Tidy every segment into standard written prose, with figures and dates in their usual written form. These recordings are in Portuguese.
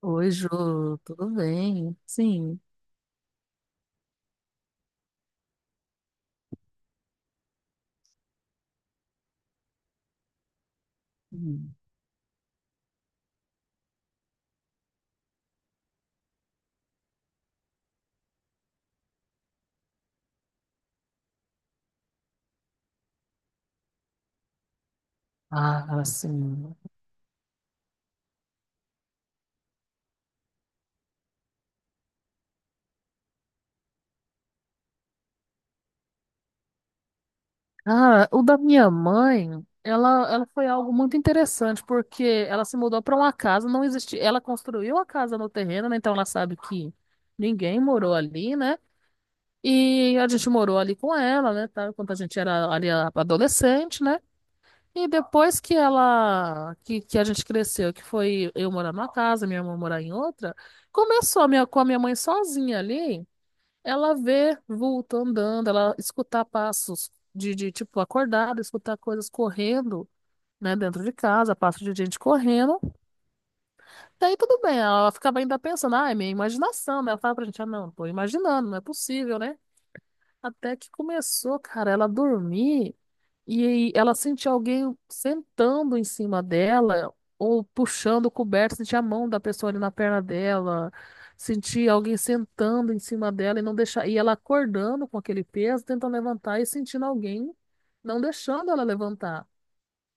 Oi, Jô, tudo bem? Sim. Hum. Ah, sim. Ah, o da minha mãe, ela foi algo muito interessante, porque ela se mudou para uma casa, não existia. Ela construiu a casa no terreno, né? Então ela sabe que ninguém morou ali, né? E a gente morou ali com ela, né? Tá? Quando a gente era ali adolescente, né? E depois que ela, que a gente cresceu, que foi eu morar numa casa, minha irmã morar em outra, começou a minha, com a minha mãe sozinha ali. Ela vê vulto andando, ela escutar passos de tipo acordada, escutar coisas correndo, né, dentro de casa, passos de gente correndo. Daí tudo bem, ela ficava ainda pensando, ah, é minha imaginação, né? Ela fala pra gente, ah, não, tô imaginando, não é possível, né? Até que começou, cara, ela dormir. E aí ela sentia alguém sentando em cima dela ou puxando o coberto, sentia a mão da pessoa ali na perna dela, sentia alguém sentando em cima dela e não deixar, e ela acordando com aquele peso, tentando levantar e sentindo alguém não deixando ela levantar.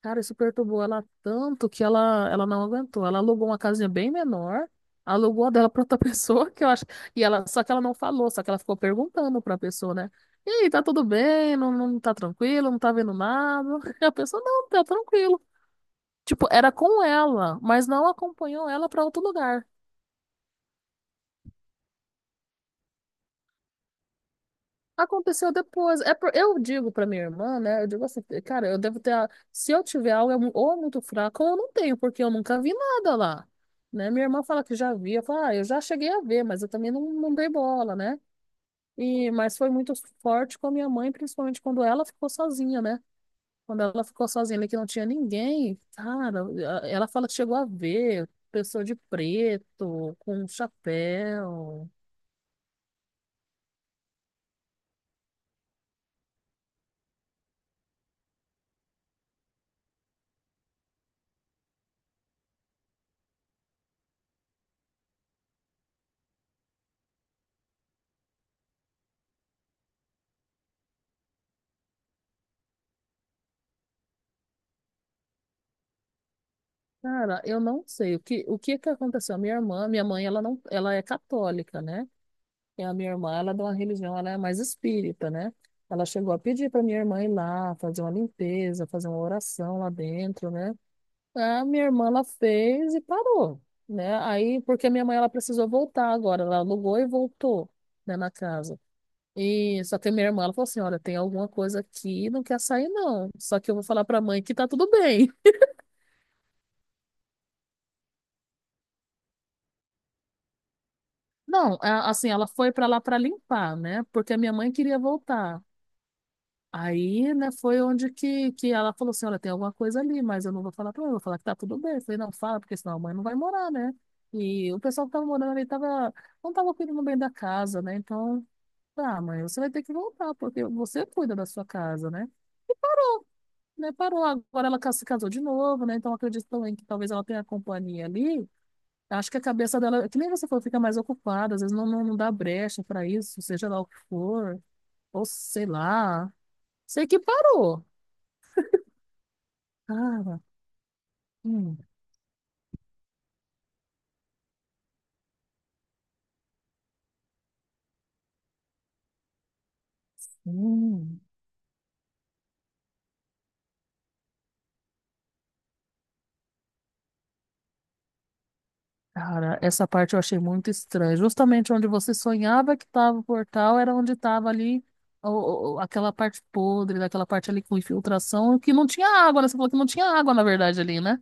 Cara, isso perturbou ela tanto que ela não aguentou. Ela alugou uma casinha bem menor, alugou a dela pra outra pessoa, que eu acho. E ela, só que ela não falou, só que ela ficou perguntando pra pessoa, né? E aí, tá tudo bem? Não, não tá tranquilo? Não tá vendo nada? E a pessoa, não, tá tranquilo. Tipo, era com ela, mas não acompanhou ela pra outro lugar. Aconteceu depois. Eu digo pra minha irmã, né? Eu digo assim, cara, eu devo ter. Se eu tiver algo, é ou é muito fraco, ou eu não tenho, porque eu nunca vi nada lá. Né? Minha irmã fala que já via. Fala, ah, eu já cheguei a ver, mas eu também não dei bola, né? E, mas foi muito forte com a minha mãe, principalmente quando ela ficou sozinha, né? Quando ela ficou sozinha ali, que não tinha ninguém, cara, ela fala que chegou a ver pessoa de preto, com um chapéu. Cara, eu não sei o que aconteceu. A minha irmã, minha mãe, ela não, ela é católica, né? E a minha irmã, ela é de uma religião, ela é mais espírita, né? Ela chegou a pedir para minha irmã ir lá fazer uma limpeza, fazer uma oração lá dentro, né? A minha irmã ela fez e parou, né? Aí porque minha mãe ela precisou voltar agora, ela alugou e voltou, né, na casa. E só que a minha irmã ela falou assim, olha, tem alguma coisa aqui, não quer sair não. Só que eu vou falar para a mãe que tá tudo bem. Não, assim, ela foi para lá para limpar, né? Porque a minha mãe queria voltar. Aí, né, foi onde que ela falou assim, olha, tem alguma coisa ali, mas eu não vou falar para ela, eu vou falar que tá tudo bem. Eu falei, não, fala, porque senão a mãe não vai morar, né? E o pessoal que tava morando ali tava, não tava cuidando bem da casa, né? Então, tá, mãe, você vai ter que voltar, porque você cuida da sua casa, né? E parou, né? Parou. Agora ela se casou de novo, né? Então, eu acredito também que talvez ela tenha a companhia ali. Acho que a cabeça dela, é que nem você falou, fica mais ocupada, às vezes não dá brecha para isso, seja lá o que for, ou sei lá. Sei que parou. Cara, hum, hum. Cara, essa parte eu achei muito estranha. Justamente onde você sonhava que estava o portal era onde estava ali aquela parte podre, daquela parte ali com infiltração, que não tinha água, né? Você falou que não tinha água, na verdade, ali, né?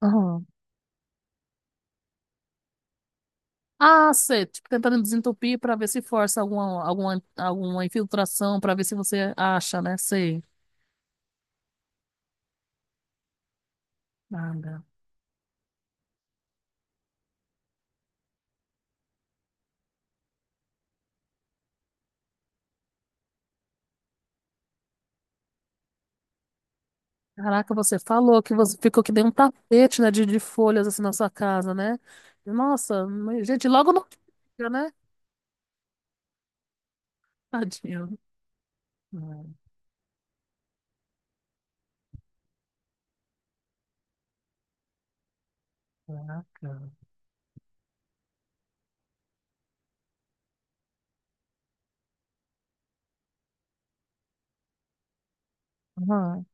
Aham. Ah, sei, tipo, tentando desentupir para ver se força alguma infiltração, para ver se você acha, né? Sei. Ah, caraca, você falou que você ficou que nem um tapete, né, de folhas assim na sua casa, né? Nossa, mas, gente, logo não fica, né? Tadinho. Ah, caraca. Ah,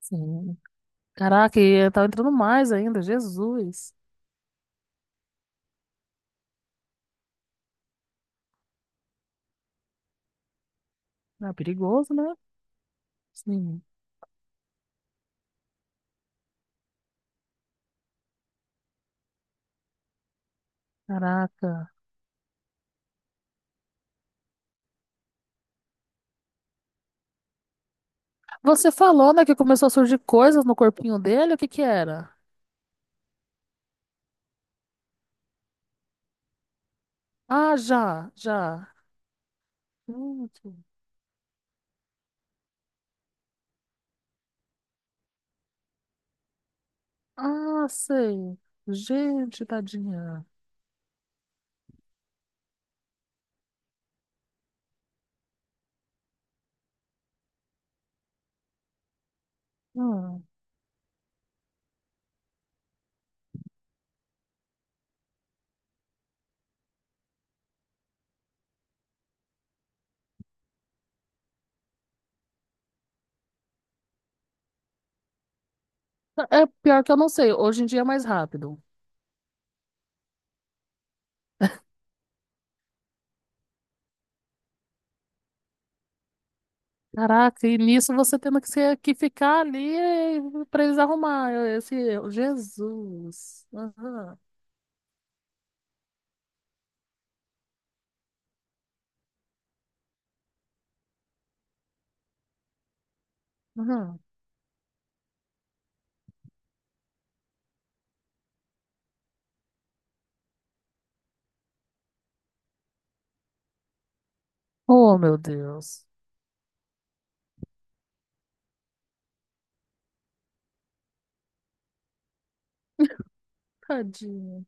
sim. Caraca, e tá entrando mais ainda, Jesus. Ah, perigoso, né? Sim. Caraca. Você falou, né, que começou a surgir coisas no corpinho dele? O que que era? Ah, já, já. Gente. Ah, sei. Gente, tadinha. Ah. É pior que eu não sei. Hoje em dia é mais rápido. Caraca, e nisso você tendo que ficar ali para eles arrumar esse erro. Jesus. Aham, aham. Oh, meu Deus. Tadinho.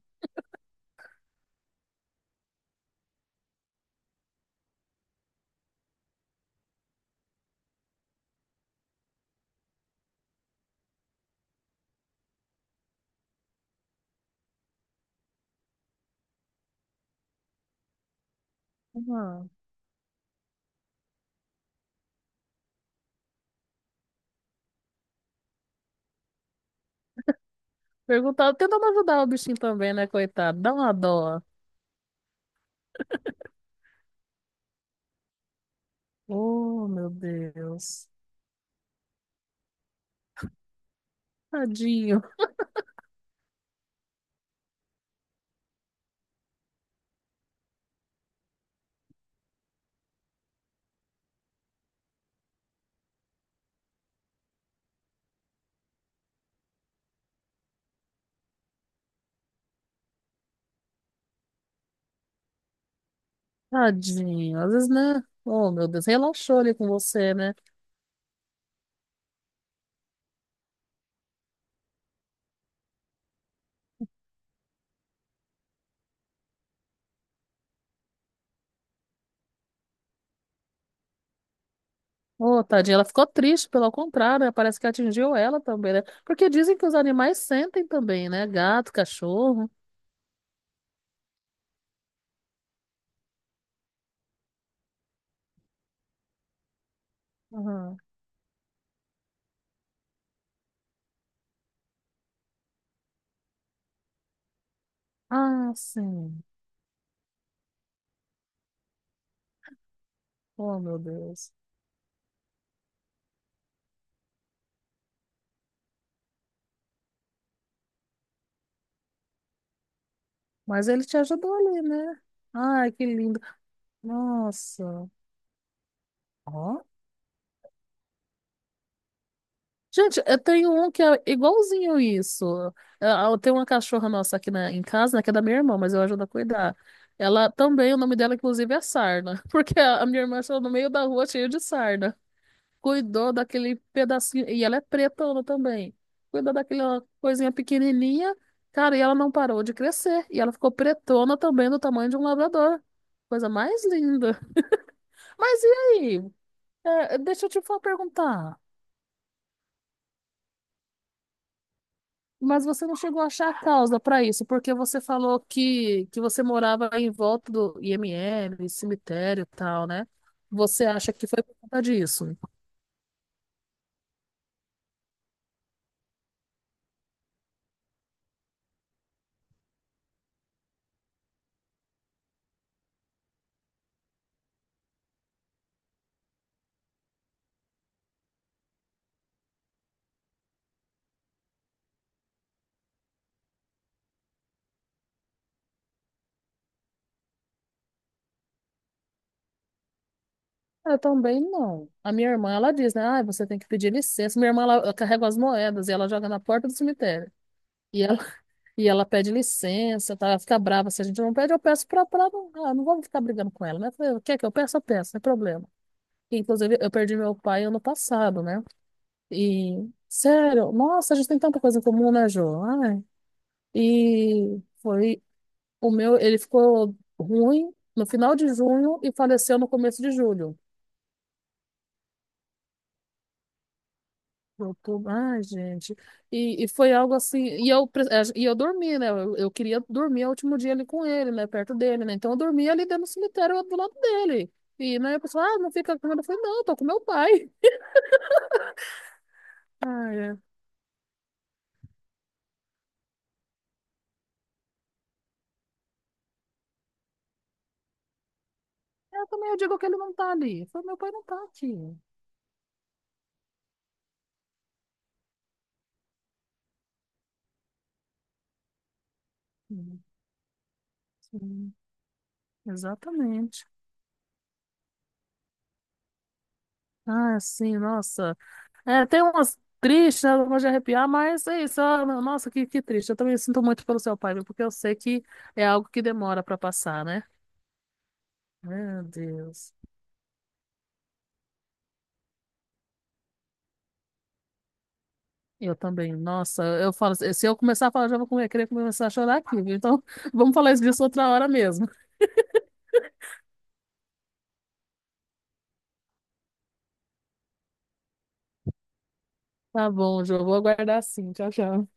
Aham. Perguntar, tentando ajudar o bichinho também, né, coitado? Dá uma dó. Oh, meu Deus. Tadinho, tadinho. Às vezes, né? Oh, meu Deus, relaxou ali com você, né? Ô, tadinha, ela ficou triste, pelo contrário, né? Parece que atingiu ela também, né? Porque dizem que os animais sentem também, né? Gato, cachorro. Aham. Ah, sim. Oh, meu Deus. Mas ele te ajudou ali, né? Ai, que lindo. Nossa. Ó. Gente, eu tenho um que é igualzinho isso. Eu tenho uma cachorra nossa aqui na, em casa, né, que é da minha irmã, mas eu ajudo a cuidar. Ela também, o nome dela, inclusive, é Sarna, porque a minha irmã achou no meio da rua cheio de sarna. Cuidou daquele pedacinho, e ela é pretona também, cuidou daquela coisinha pequenininha, cara, e ela não parou de crescer, e ela ficou pretona também do tamanho de um labrador. Coisa mais linda. Mas e aí? É, deixa eu te perguntar. Mas você não chegou a achar a causa para isso, porque você falou que você morava em volta do IML, cemitério e tal, né? Você acha que foi por conta disso? Eu também não. A minha irmã, ela diz, né? Ah, você tem que pedir licença. Minha irmã, ela carrega as moedas e ela joga na porta do cemitério. e E ela pede licença, tá? Ela fica brava. Se a gente não pede, eu peço pra não, ah, não vamos ficar brigando com ela, né? Eu falei, quer que é que eu peço, eu peço, não é problema. E, inclusive, eu perdi meu pai ano passado, né? E, sério, nossa, a gente tem tanta coisa em comum, né, Jô? Ai. E foi o meu, ele ficou ruim no final de junho e faleceu no começo de julho. Outubro. Ai, gente. E foi algo assim. E eu, e eu dormi, né? Eu queria dormir o último dia ali com ele, né? Perto dele, né? Então eu dormia ali dentro do cemitério do lado dele. E, né, a pessoa, ah, não fica com ele. Eu falei, não, tô com meu pai. Ai, é. Eu também eu digo que ele não tá ali. Eu falei, meu pai não tá aqui. Sim, sim, exatamente. Ah, sim, nossa. É, tem umas tristes, né? Não de arrepiar, mas é isso. Ah, nossa, que triste. Eu também sinto muito pelo seu pai, viu? Porque eu sei que é algo que demora pra passar, né? Meu Deus. Eu também. Nossa, eu falo, assim, se eu começar a falar, já vou querer começar a chorar aqui, viu? Então, vamos falar isso disso outra hora mesmo. Tá bom, Jô, vou aguardar sim. Tchau, tchau.